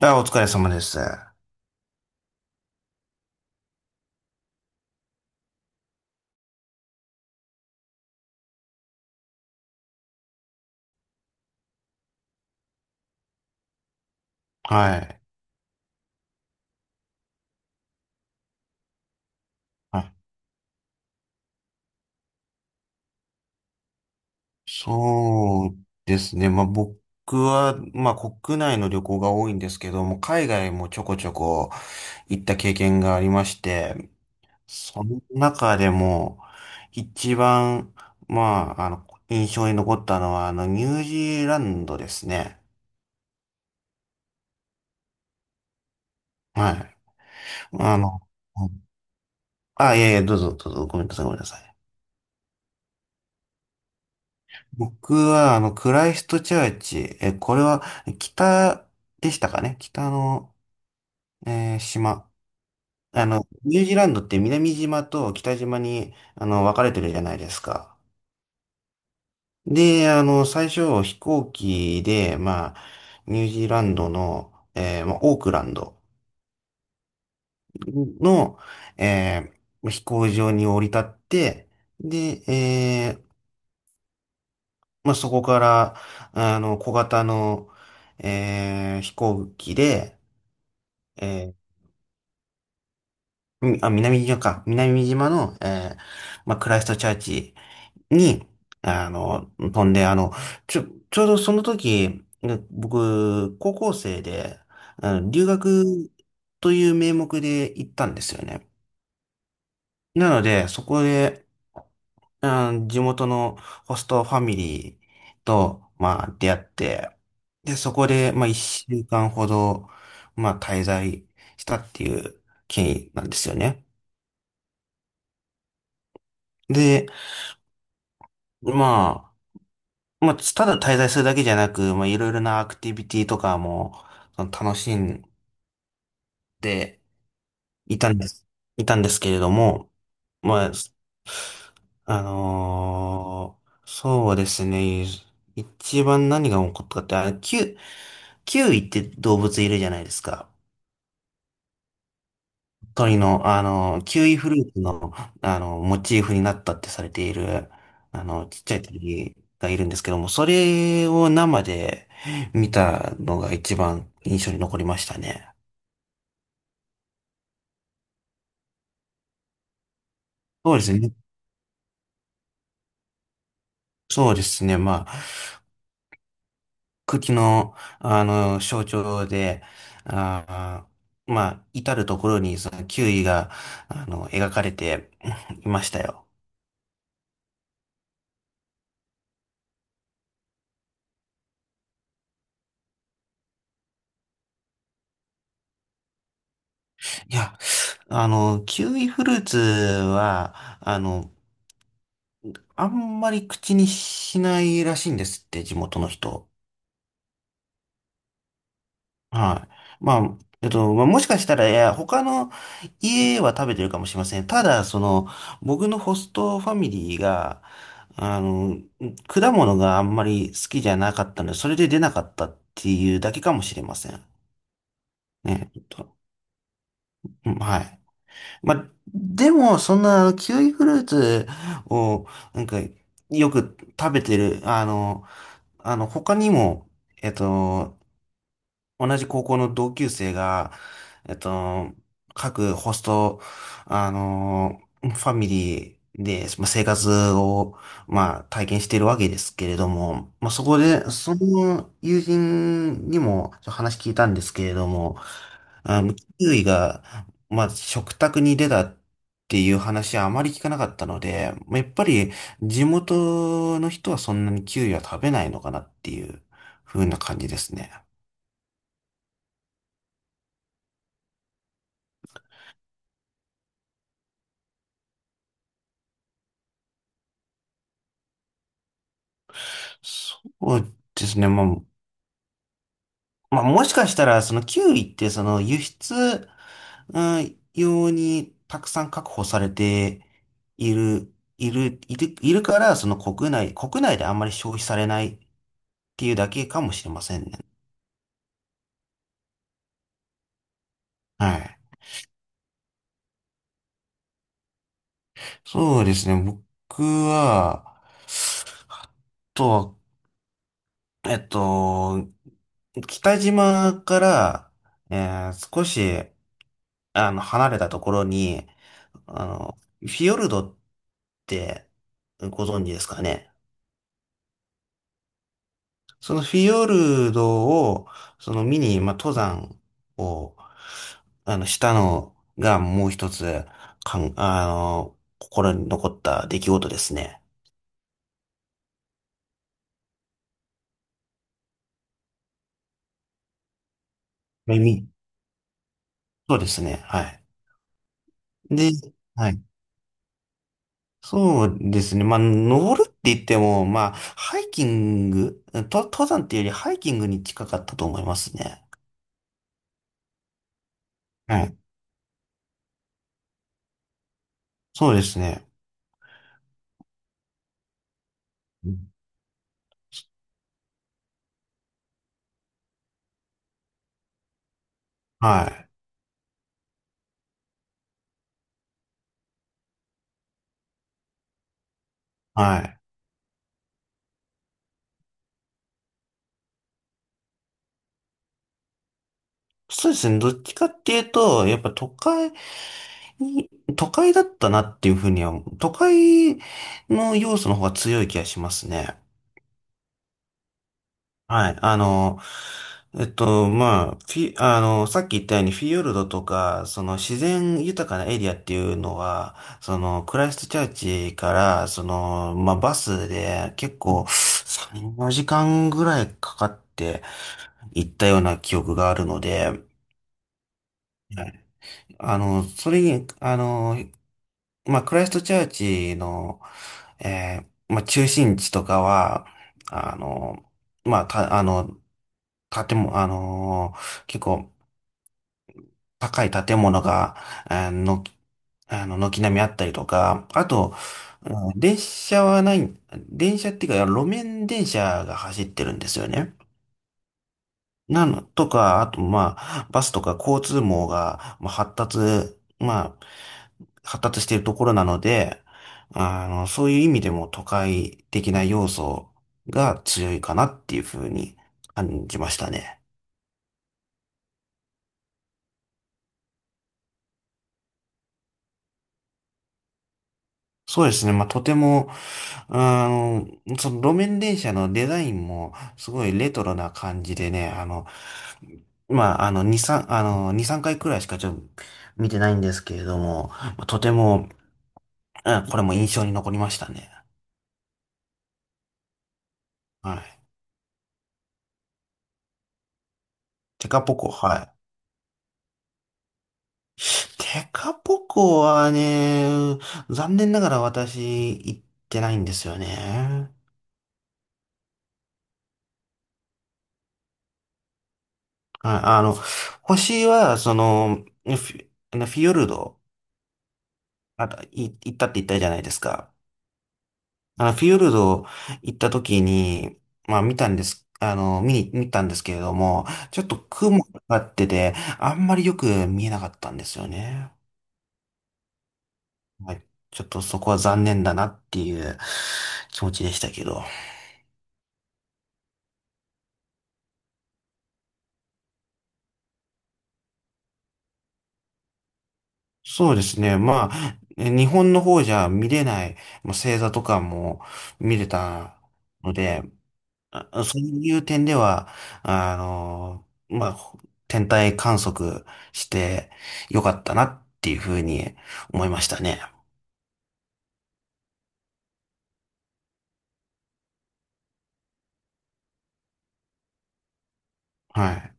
あ、お疲れ様です。はい。はい。そうですね。まあ、僕は、まあ、国内の旅行が多いんですけども、海外もちょこちょこ行った経験がありまして、その中でも、一番、まあ、印象に残ったのは、ニュージーランドですね。はい。あの、うん。あ、いやいや、どうぞ、どうぞ、ごめんなさい、ごめんなさい。僕は、クライストチャーチ、これは、北でしたかね？北の、島。ニュージーランドって南島と北島に、分かれてるじゃないですか。で、最初、飛行機で、まあ、ニュージーランドの、まあ、オークランドの、えー飛行場に降り立って、で、まあ、そこから、小型の、飛行機で、えー、南島か。南島の、まあ、クライストチャーチに、飛んで、ちょ、ちょうどその時、ね僕、高校生で、留学という名目で行ったんですよね。なので、そこで、地元のホストファミリーと、まあ、出会って、で、そこで、まあ、一週間ほど、まあ、滞在したっていう経緯なんですよね。で、ままあ、ただ滞在するだけじゃなく、まあ、いろいろなアクティビティとかも、その楽しんでいたんです、いたんですけれども、まあ、そうですね。一番何が起こったかって、キュウイって動物いるじゃないですか。鳥の、キウイフルーツの、モチーフになったってされている、ちっちゃい鳥がいるんですけども、それを生で見たのが一番印象に残りましたね。そうですね。そうですね。まあ、茎の、象徴で、あまあ、至るところに、その、キウイが、描かれていましたよ。いや、キウイフルーツは、あの、あんまり口にしないらしいんですって、地元の人。はい。まあ、まあ、もしかしたら、いや、他の家は食べてるかもしれません。ただ、その、僕のホストファミリーが、あの、果物があんまり好きじゃなかったので、それで出なかったっていうだけかもしれません。ね。ちょっと。うん。はい。まあ、でも、そんな、キウイフルーツを、なんか、よく食べてる、他にも、えっと、同じ高校の同級生が、えっと、各ホスト、ファミリーで、まあ、生活を、まあ、体験しているわけですけれども、まあ、そこで、その友人にも話聞いたんですけれども、キウイが、まあ、食卓に出たっていう話はあまり聞かなかったので、まあやっぱり地元の人はそんなにキウイは食べないのかなっていう風な感じですね。そうですね。まあ、もしかしたら、そのキウイって、その輸出、うん、用にたくさん確保されているから、その国内であんまり消費されないっていうだけかもしれませんね。はい。そうですね。僕は、あとは、えっと、北島から、少し、離れたところに、フィヨルドてご存知ですかね？そのフィヨルドを、その見に、まあ、登山を、したのがもう一つ、かん、あの、心に残った出来事ですね。まあみそうですね。はい。で、はい。そうですね。まあ、登るって言っても、まあ、ハイキング、と、登山っていうよりハイキングに近かったと思いますね。はい。そうですね。うん。はい。はい。そうですね。どっちかっていうと、やっぱに、都会だったなっていうふうには、都会の要素の方が強い気がしますね。はい。まあ、フィ、あの、さっき言ったようにフィヨルドとか、その自然豊かなエリアっていうのは、そのクライストチャーチから、その、まあ、バスで結構3、4時間ぐらいかかって行ったような記憶があるので、はい。それに、まあ、クライストチャーチの、えまあ、中心地とかは、あの、まあ、た、あの、建物、結構高い建物が、あの、軒並みあったりとか、あと、うん電車はない、電車っていうか、路面電車が走ってるんですよね。なの、とか、あと、まあ、バスとか交通網が、まあ、まあ、発達しているところなので、そういう意味でも都会的な要素が強いかなっていうふうに感じましたね。そうですね。まあ、とても、あの、その路面電車のデザインもすごいレトロな感じでね、まあ、2、3、2、3回くらいしかちょっと見てないんですけれども、とてもうん、これも印象に残りましたね。はい。テカポコ、はい。テカポコはね、残念ながら私行ってないんですよね。はい。星は、その、フィヨルド、あ、行ったって言ったじゃないですか。フィヨルド行った時に、まあ見たんです、見に、見たんですけれども、ちょっと雲がかかってて、あんまりよく見えなかったんですよね。はい。ちょっとそこは残念だなっていう気持ちでしたけど。そうですね。まあ、日本の方じゃ見れない、まあ、星座とかも見れたので、そういう点では、まあ、天体観測してよかったなっていうふうに思いましたね。はい。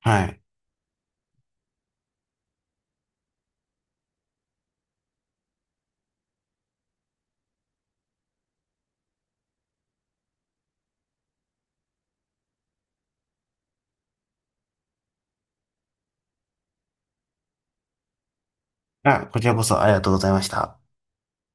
はい。あ、こちらこそありがとうございました。